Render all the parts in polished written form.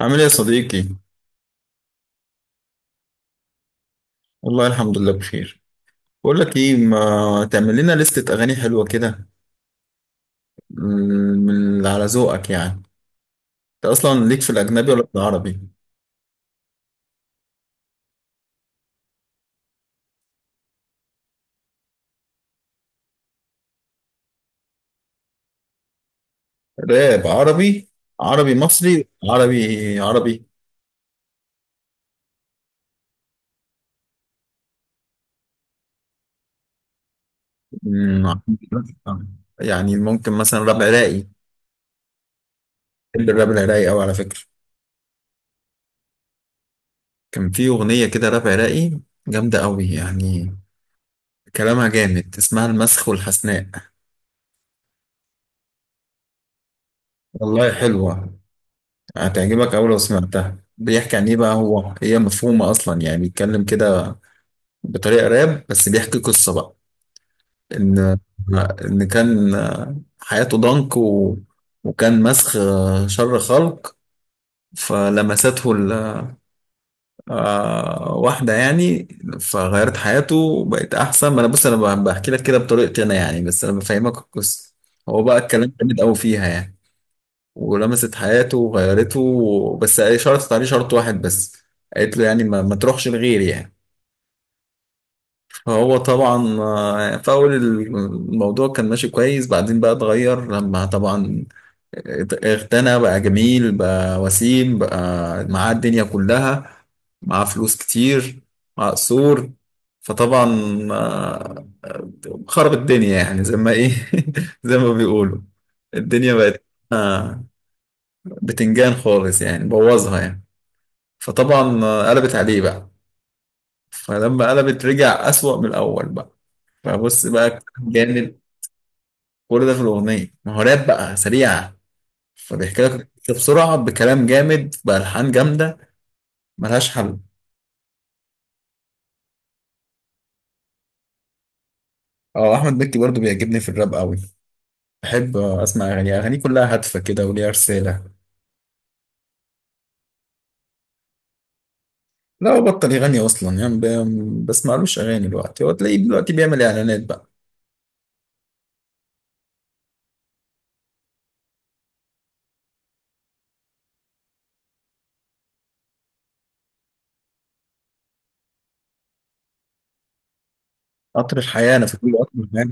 عامل ايه يا صديقي؟ والله الحمد لله بخير. بقول لك ايه، ما تعمل لنا لستة اغاني حلوة كده، من اللي على ذوقك يعني. انت اصلا ليك في الاجنبي ولا في العربي؟ راب عربي، عربي مصري، عربي عربي. مم، يعني ممكن مثلا راب عراقي. بحب الراب العراقي قوي على فكرة. كان في اغنية كده راب عراقي، جامدة قوي يعني، كلامها جامد، اسمها المسخ والحسناء. والله حلوة، هتعجبك أوي لو سمعتها. بيحكي عن إيه بقى؟ هو هي مفهومة أصلا يعني، بيتكلم كده بطريقة راب بس بيحكي قصة بقى. إن إن كان حياته ضنك وكان مسخ، شر خلق. فلمسته واحدة يعني، فغيرت حياته وبقت أحسن. ما أنا بص، أنا بحكي لك كده بطريقتي أنا يعني، بس أنا بفهمك القصة. هو بقى الكلام جامد أوي فيها يعني. ولمست حياته وغيرته، بس هي شرطت عليه شرط واحد بس. قالت له يعني ما تروحش لغيري يعني. فهو طبعا في أول الموضوع كان ماشي كويس، بعدين بقى اتغير لما طبعا اغتنى بقى، جميل بقى، وسيم بقى. معاه الدنيا كلها، معاه فلوس كتير، معاه قصور. فطبعا آه، خرب الدنيا يعني، زي ما ايه زي ما بيقولوا. الدنيا بقت آه، بتنجان خالص يعني، بوظها يعني. فطبعا قلبت عليه بقى. فلما قلبت رجع أسوأ من الأول بقى. فبص بقى كلام جامد. كل ده في الأغنية، ما هو راب بقى سريعة، فبيحكي لك بسرعة بكلام جامد بألحان جامدة، ملهاش حل. اه أحمد مكي برضو بيعجبني في الراب قوي. بحب أسمع أغانيه. كلها هادفة كده وليها رسالة. لا هو بطل يغني أصلا يعني، بسمعلوش أغاني دلوقتي. هو تلاقيه دلوقتي بيعمل إعلانات بقى. قطر الحياة، أنا فاكر له قطر الحياة.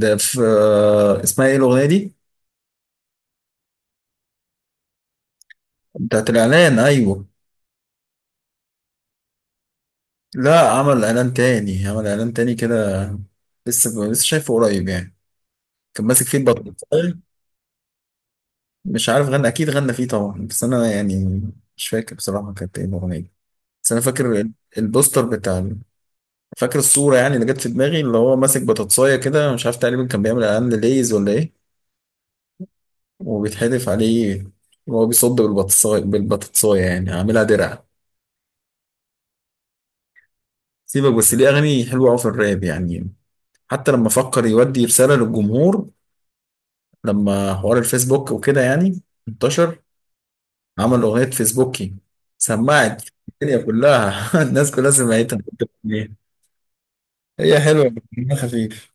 ده في اسمها إيه الأغنية دي؟ بتاعت الإعلان أيوه. لا، عمل اعلان تاني، عمل اعلان تاني كده. لسه شايفه قريب يعني، كان ماسك فيه البطل. مش عارف غنى، اكيد غنى فيه طبعا، بس انا يعني مش فاكر بصراحه كانت ايه الاغنيه. بس انا فاكر البوستر فاكر الصوره يعني، اللي جت في دماغي، اللي هو ماسك بطاطسايه كده. مش عارف، تقريبا كان بيعمل اعلان لليز ولا ايه، وبيتحدف عليه وهو بيصد بالبطاطسايه بالبطاطسايه يعني، عاملها درع. سيبك، بس ليه اغاني حلوه قوي في الراب يعني. حتى لما فكر يودي رساله للجمهور، لما حوار الفيسبوك وكده يعني انتشر، عمل أغنية فيسبوكي، سمعت الدنيا كلها. الناس كلها سمعتها. هي حلوة، بس خفيف.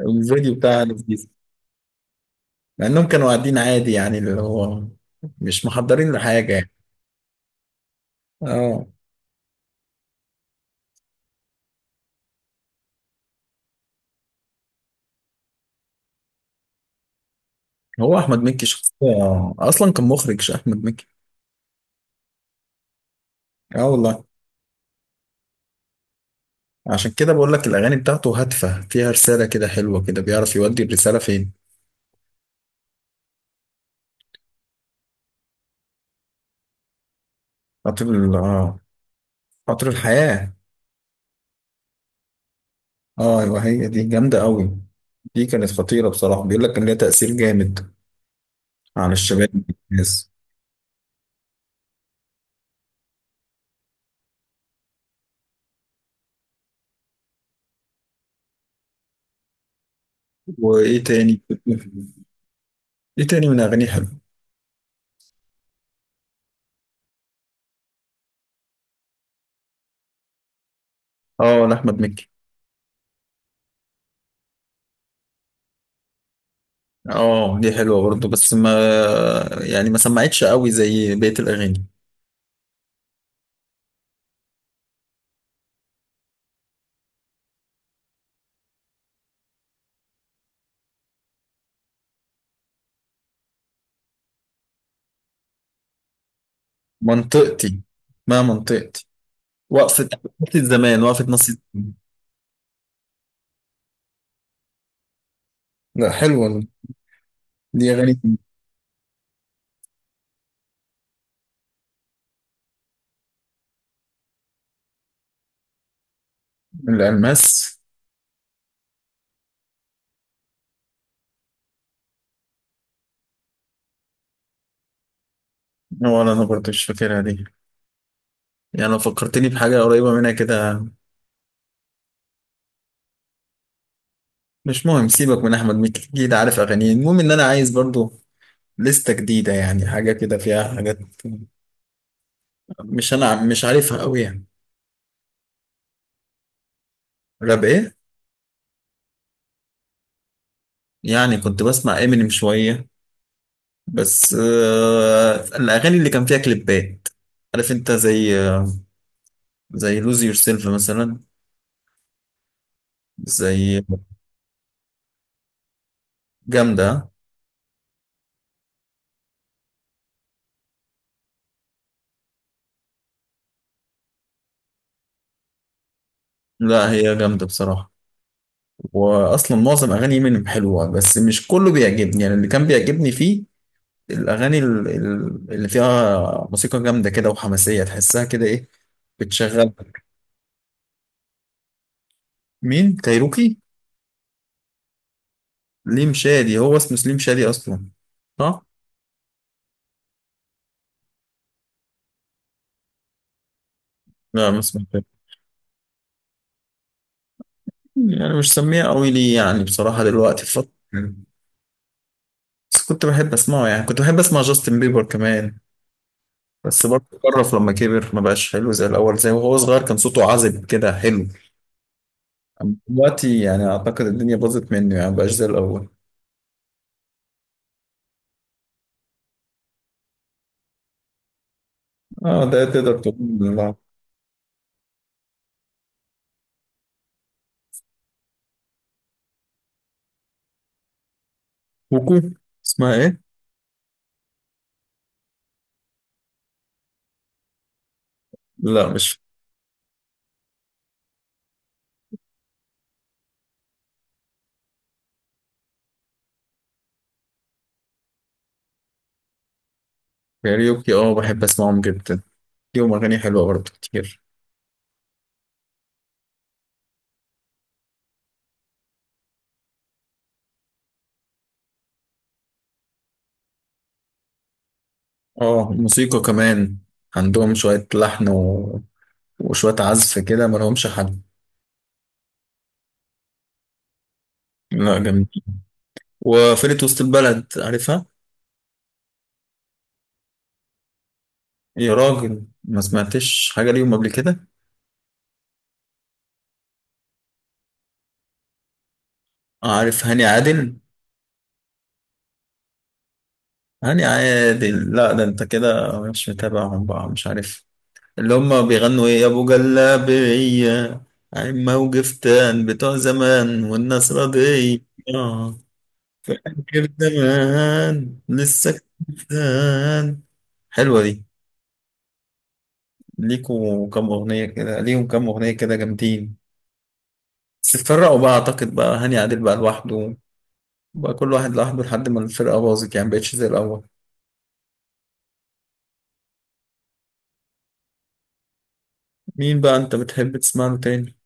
الفيديو بتاعها لذيذ، مع إنهم كانوا قاعدين عادي يعني، اللي هو مش محضرين لحاجة يعني. اه، هو أحمد مكي شخصية، أصلا كان مخرج أحمد مكي. اه والله. عشان كده بقول لك الأغاني بتاعته هادفة، فيها رسالة كده، حلوة كده، بيعرف يودي الرسالة فين. خاطر ال- اه خاطر الحياة. اه ايوه، هي دي جامده قوي. دي كانت خطيره بصراحه، بيقول لك ان ليها تاثير جامد على الشباب والناس. وايه تاني؟ ايه تاني من اغانيه حلو؟ اه لاحمد مكي. اه دي حلوه برضه، بس ما يعني ما سمعتش قوي زي بقيه الاغاني. منطقتي، ما منطقتي، وقفه وقفه زمان، وقفه نص. لا حلوه دي، دي اغاني. الالماس، ولا انا برضه مش فاكرها دي، يعني لو فكرتني بحاجه قريبه منها كده. مش مهم، سيبك من احمد مكي، اكيد عارف اغانيه. المهم ان انا عايز برضو لستة جديدة يعني، حاجة كده فيها حاجات مش عارفها قوي يعني. راب ايه؟ يعني كنت بسمع امينيم شوية، بس آه الاغاني اللي كان فيها كليبات. عارف انت، زي لوز يور سيلف مثلا. زي جامدة. لا هي جامدة بصراحة، واصلا معظم اغاني امينيم حلوة، بس مش كله بيعجبني يعني. اللي كان بيعجبني فيه الأغاني اللي فيها موسيقى جامدة كده وحماسية، تحسها كده إيه؟ بتشغل. مين، كايروكي؟ ليم شادي هو اسمه سليم شادي أصلا، صح؟ لا ما اسمه، يعني مش سميه قوي لي يعني بصراحة دلوقتي الفترة. بس كنت بحب أسمعه يعني. كنت بحب أسمع جاستن بيبر كمان، بس برضه قرف لما كبر، ما بقاش حلو زي الأول. زي وهو صغير كان صوته عذب كده، حلو. أما دلوقتي يعني أعتقد الدنيا باظت منه يعني، ما بقاش زي الأول. اه، ده تقدر تقول. لا. كوكو، اسمها ايه؟ لا مش. كاريوكي اه، بحب اسمعهم جدا، ليهم اغاني حلوه برضه كتير. اه موسيقى كمان، عندهم شويه لحن وشويه عزف كده، ما لهمش حل. لا جميل. وفرقه وسط البلد، عارفها؟ يا راجل ما سمعتش حاجه ليهم قبل كده. عارف هاني عادل؟ هاني عادل، لا ده انت كده مش متابعهم بقى، مش عارف. اللي هم بيغنوا ايه يا ابو جلابيه، عين موجفتان، بتوع زمان، والناس راضية. آه. كبدان لسه، كبدان، حلوة دي. ليكوا كام أغنية كده، ليهم كام أغنية كده جامدين. بس اتفرقوا بقى، أعتقد بقى هاني عادل بقى لوحده، بقى كل واحد لوحده، لحد ما الفرقة باظت يعني، مبقتش زي الأول. مين بقى أنت بتحب تسمع له تاني؟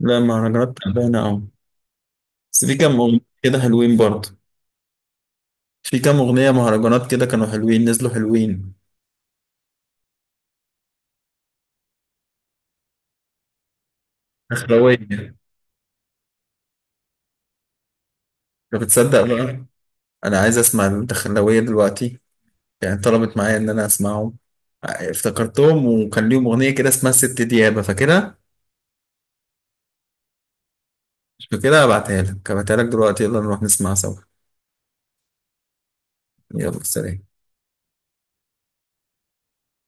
لا مهرجانات تعبانة أوي. بس في كام أغنية كده حلوين برضه، في كام أغنية مهرجانات كده كانوا حلوين، نزلوا حلوين. دخلاوية، أنت بتصدق بقى؟ أنا عايز أسمع الدخلاوية دلوقتي، يعني طلبت معايا ان انا اسمعهم. افتكرتهم، وكان ليهم اغنيه كده اسمها ست ديابه، فاكرها؟ مش فاكرها، هبعتها لك، هبعتها لك دلوقتي، يلا نروح نسمعها سوا. يلا سلام.